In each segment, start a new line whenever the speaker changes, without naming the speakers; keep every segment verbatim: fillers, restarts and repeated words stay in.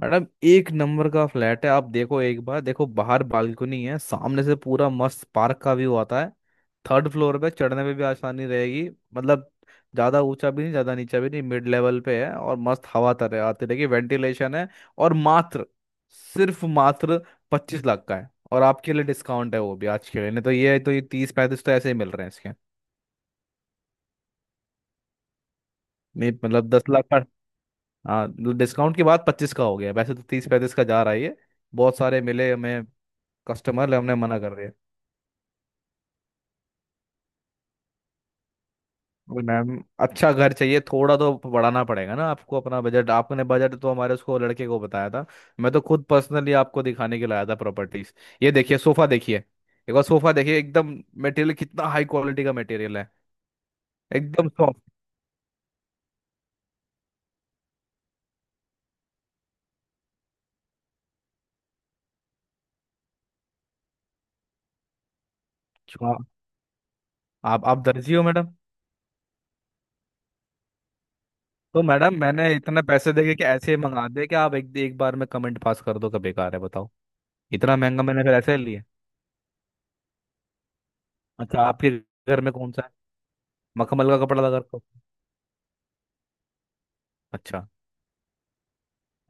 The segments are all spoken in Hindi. मैडम एक नंबर का फ्लैट है, आप देखो, एक बार देखो। बाहर बालकनी है, सामने से पूरा मस्त पार्क का व्यू आता है। थर्ड फ्लोर पे चढ़ने में भी आसानी रहेगी। मतलब ज्यादा ऊंचा भी नहीं, ज्यादा नीचा भी नहीं, मिड लेवल पे है और मस्त हवा तरह आती रहेगी, वेंटिलेशन है। और मात्र, सिर्फ मात्र पच्चीस लाख का है, और आपके लिए डिस्काउंट है, वो भी आज के लिए। नहीं तो ये तो ये तीस पैंतीस तो ऐसे ही मिल रहे हैं इसके। नहीं मतलब, दस लाख का। हाँ, डिस्काउंट के बाद पच्चीस का हो गया, वैसे तो तीस पैंतीस का जा रहा है ये। बहुत सारे मिले हमें कस्टमर, ने हमने मना कर दिया। बोले, मैम अच्छा घर चाहिए, थोड़ा तो बढ़ाना पड़ेगा ना आपको अपना बजट। आपने बजट तो हमारे उसको लड़के को बताया था, मैं तो खुद पर्सनली आपको दिखाने के लिए आया था प्रॉपर्टीज। ये देखिए सोफा, देखिए एक बार सोफा देखिए, एकदम। मटेरियल कितना हाई क्वालिटी का मटेरियल है। एकदम सॉफ्ट। हाँ। आप आप दर्जी हो मैडम? तो मैडम, मैंने इतने पैसे देके कि ऐसे ही मंगा दे कि आप एक एक बार में कमेंट पास कर दो कि बेकार है, बताओ। इतना महंगा मैंने फिर ऐसे ही लिया? अच्छा, आपके घर में कौन सा है? मखमल का कपड़ा लगा रखा है? अच्छा।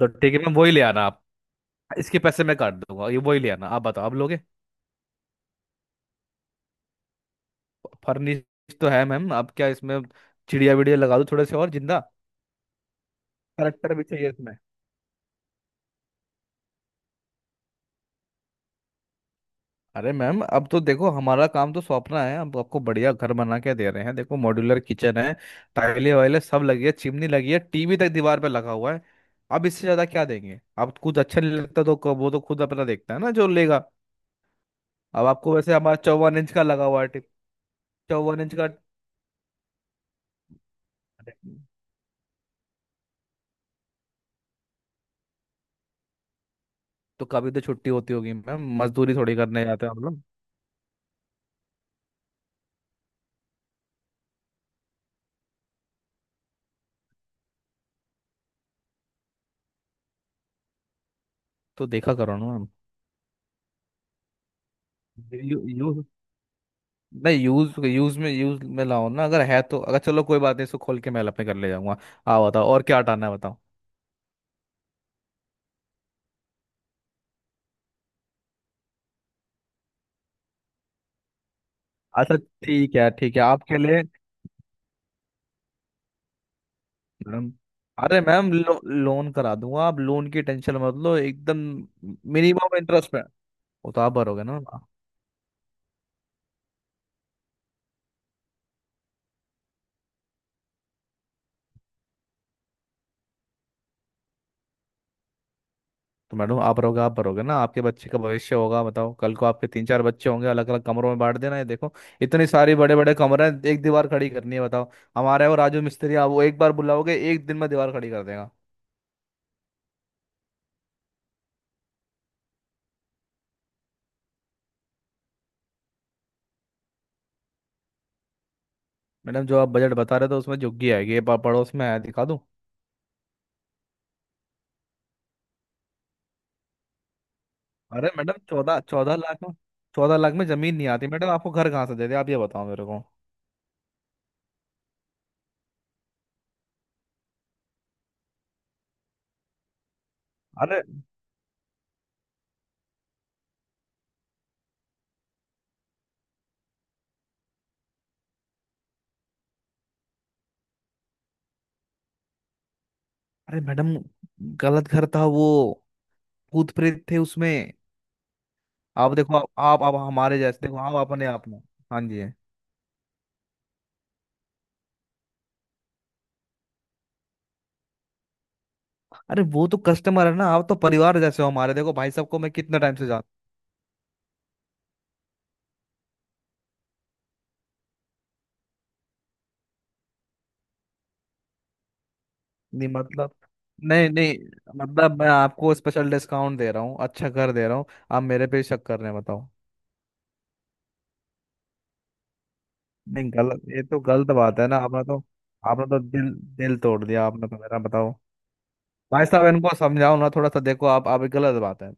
तो ठीक है मैम, वही ले आना आप। इसके पैसे मैं काट दूंगा, ये वही ले आना आप, बताओ आप लोगे? फर्निश? तो है मैम, अब क्या इसमें चिड़िया विड़िया लगा दूं थोड़े से, और जिंदा करेक्टर भी चाहिए इसमें? अरे मैम, अब तो देखो, हमारा काम तो सौंपना है, अब आपको बढ़िया घर बना के दे रहे हैं। देखो, मॉड्यूलर किचन है, टाइले वाइले सब लगी है, चिमनी लगी है, टीवी तक दीवार पे लगा हुआ है। अब इससे ज्यादा क्या देंगे। अब कुछ अच्छा नहीं लगता तो क- वो तो खुद अपना देखता है ना जो लेगा। अब आपको वैसे हमारा चौवन इंच का लगा हुआ है टी- चौवन इंच का। तो कभी तो छुट्टी होती होगी मैम, मजदूरी थोड़ी करने जाते हैं हम लोग। तो देखा करो ना मैम। यू, यूज नहीं, यूज यूज में यूज में लाओ ना, अगर है तो। अगर चलो कोई बात नहीं, इसको खोल के मैं अपने घर ले जाऊंगा। आओ बताओ, और क्या हटाना है बताओ। अच्छा, ठीक है, ठीक है आपके लिए मैम। अरे मैम, लो, लोन करा दूंगा, आप लोन की टेंशन मत लो एकदम, मिनिमम इंटरेस्ट पे। वो तो आप भरोगे ना। तो मैडम, आप रहोगे, आप भरोगे ना। आपके बच्चे का भविष्य होगा, बताओ कल को आपके तीन चार बच्चे होंगे, अलग अलग कमरों में बांट देना है। देखो, इतने सारे बड़े बड़े कमरे हैं, एक दीवार खड़ी करनी है बताओ। हमारे और राजू मिस्त्री आप वो एक बार बुलाओगे, एक दिन में दीवार खड़ी कर देगा। मैडम, जो आप बजट बता रहे थे उसमें झुग्गी आएगी, ये प- पड़ोस में आया, दिखा दूं? अरे मैडम, चौदह चौदह लाख में, चौदह लाख में जमीन नहीं आती मैडम, आपको घर कहाँ से दे दे। आप ये बताओ मेरे को। अरे। अरे मैडम, गलत घर था वो, भूत प्रेत थे उसमें। आप देखो, आप आप, आप हमारे जैसे, देखो आप अपने आप में। हाँ जी। अरे वो तो कस्टमर है ना, आप तो परिवार जैसे हो हमारे। देखो भाई साहब को मैं कितने टाइम से जानता। नहीं मतलब। नहीं नहीं। मतलब मैं आपको स्पेशल डिस्काउंट दे रहा हूँ, अच्छा कर दे रहा हूँ। आप मेरे पे शक कर रहे हैं बताओ? नहीं गलत, ये तो गलत बात है ना, आपने तो। आपने तो दिल दिल तोड़ दिया, आपने तो मेरा बताओ। भाई साहब, इनको समझाओ ना थोड़ा सा। देखो आप आप, ये गलत बात है,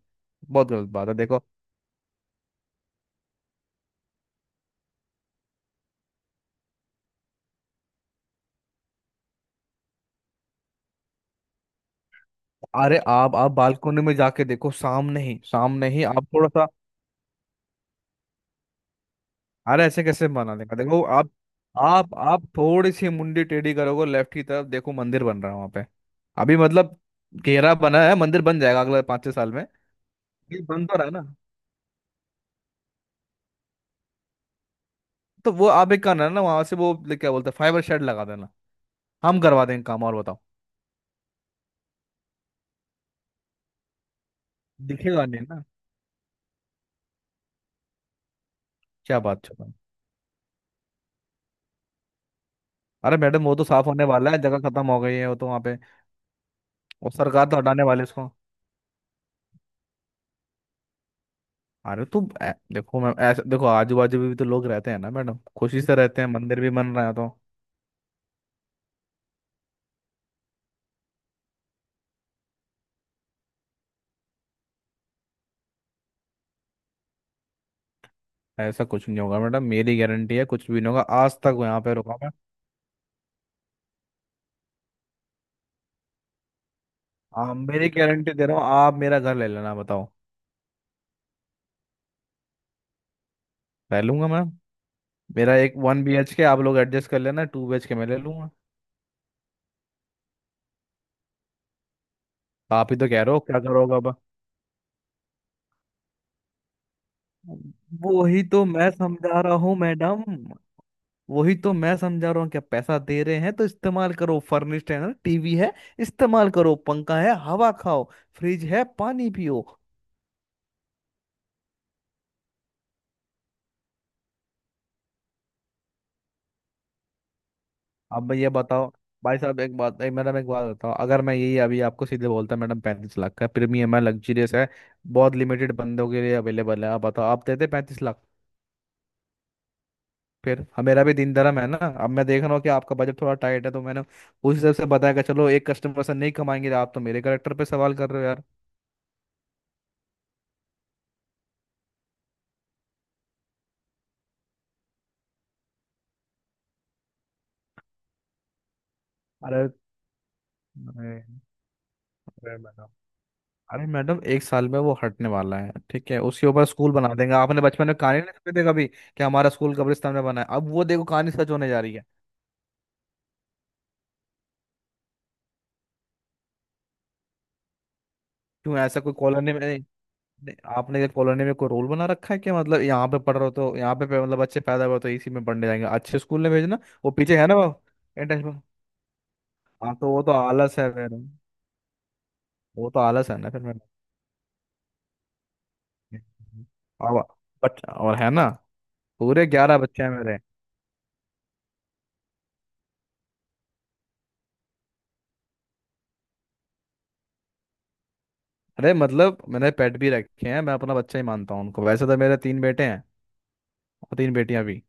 बहुत गलत बात है देखो। अरे, आप आप बालकनी में जाके देखो, सामने ही सामने ही आप थोड़ा सा। अरे ऐसे कैसे बना देगा, देखो आप। आप आप थोड़ी सी मुंडी टेढ़ी करोगे, लेफ्ट की तरफ देखो, मंदिर बन रहा है वहां पे। अभी मतलब घेरा बना है, मंदिर बन जाएगा अगले पाँच छह साल में। ये बन तो रहा है ना। तो वो आप एक करना है ना, वहां से वो ले- क्या बोलते हैं, फाइबर शेड लगा देना। हम करवा देंगे काम, और बताओ। दिखेगा नहीं ना। क्या बात छुपा है? अरे मैडम, वो तो साफ होने वाला है, जगह खत्म हो गई है वो तो वहां पे। और सरकार तो हटाने वाले इसको। अरे तू ऐ- देखो मैम, ऐसे देखो, आजू बाजू भी तो लोग रहते हैं ना मैडम, खुशी से रहते हैं, मंदिर भी बन रहा है तो। ऐसा कुछ नहीं होगा मैडम, मेरी गारंटी है, कुछ भी नहीं होगा, आज तक वो यहाँ पे रुका मैं। आप मेरी गारंटी दे रहा हूँ, आप मेरा घर ले लेना बताओ। ले लूंगा मैम, मेरा एक वन बी एच के आप लोग एडजस्ट कर लेना, टू बी एच के मैं ले लूंगा। आप ही तो कह रहे हो, क्या करोगे अब। वही तो मैं समझा रहा हूँ मैडम, वही तो मैं समझा रहा हूँ क्या? पैसा दे रहे हैं तो इस्तेमाल करो, फर्निश्ड है ना, टीवी है, इस्तेमाल करो, पंखा है हवा खाओ, फ्रिज है पानी पियो। अब मैं ये बताओ भाई साहब, एक बात एक मैडम, एक बात बताओ, अगर मैं यही अभी आपको सीधे बोलता मैडम पैंतीस लाख का प्रीमियम है, लग्जरियस है, बहुत लिमिटेड बंदों के लिए अवेलेबल है, आप बताओ आप देते पैंतीस लाख? फिर अब मेरा भी दिन धर्म है ना। अब मैं देख रहा हूँ कि आपका बजट थोड़ा टाइट है तो मैंने उस हिसाब से बताया कि चलो एक कस्टमर से नहीं कमाएंगे, आप तो मेरे करेक्टर पे सवाल कर रहे हो यार। अरे, अरे, अरे मैडम, अरे मैडम, एक साल में वो हटने वाला है, ठीक है, उसके ऊपर स्कूल बना देंगे। आपने बचपन में कहानी नहीं सुनी थी कभी कि हमारा स्कूल कब्रिस्तान में बना है? अब वो देखो कहानी सच होने जा रही है। क्यों, ऐसा कोई कॉलोनी में नहीं, आपने कॉलोनी में कोई रोल बना रखा है क्या? मतलब यहाँ पे पढ़ रहे हो तो यहाँ पे पे- मतलब अच्छे पैदा हुए हो तो इसी में पढ़ने जाएंगे, अच्छे स्कूल में भेजना। वो पीछे है ना वो इंटर्नशिप। हाँ तो वो तो आलस है फिर। वो तो आलस है ना फिर मेरा, अब बट और है ना, पूरे ग्यारह बच्चे हैं मेरे। अरे मतलब मैंने पेट भी रखे हैं, मैं अपना बच्चा ही मानता हूँ उनको। वैसे तो मेरे तीन बेटे हैं, और तीन बेटियां भी।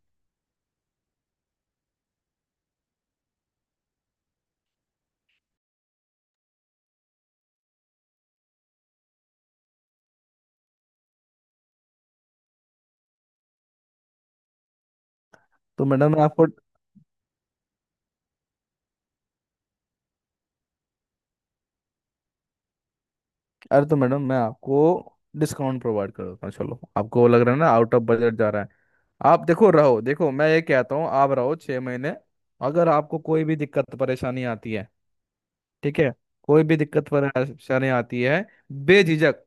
तो मैडम मैं आपको अरे तो मैडम मैं आपको डिस्काउंट प्रोवाइड कर देता हूँ, चलो आपको वो लग रहा है ना आउट ऑफ बजट जा रहा है। आप देखो, रहो, देखो मैं ये कहता हूँ, आप रहो छह महीने। अगर आपको कोई भी दिक्कत परेशानी आती है, ठीक है, कोई भी दिक्कत परेशानी आती है, बेझिझक,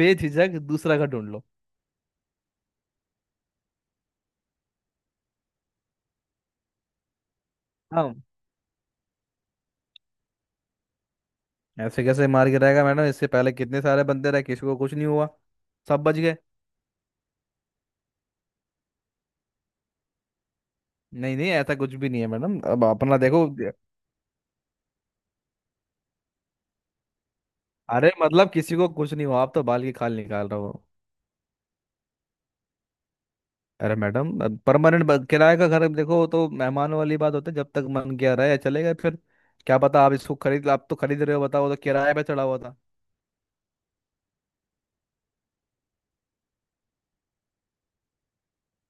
बेझिझक दूसरा का ढूंढ लो। हम ऐसे कैसे मार के रहेगा मैडम, इससे पहले कितने सारे बंदे रहे, किसी को कुछ नहीं हुआ। सब बच गए। नहीं नहीं, ऐसा कुछ भी नहीं है मैडम, अब अपना देखो। अरे मतलब किसी को कुछ नहीं हुआ, आप तो बाल की खाल निकाल रहे हो। अरे मैडम, परमानेंट किराए का घर देखो तो मेहमानों वाली बात होती है, जब तक मन किया रहे, चले गए फिर। क्या पता, आप इसको खरीद, आप तो खरीद रहे हो बताओ, तो किराए पे चढ़ा हुआ था।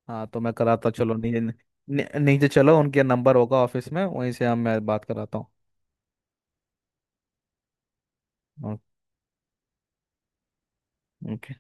हाँ तो मैं कराता, चलो नीचे, नी- नीचे चलो, उनके नंबर होगा ऑफिस में, वहीं से हम, मैं बात कराता हूँ। ओके।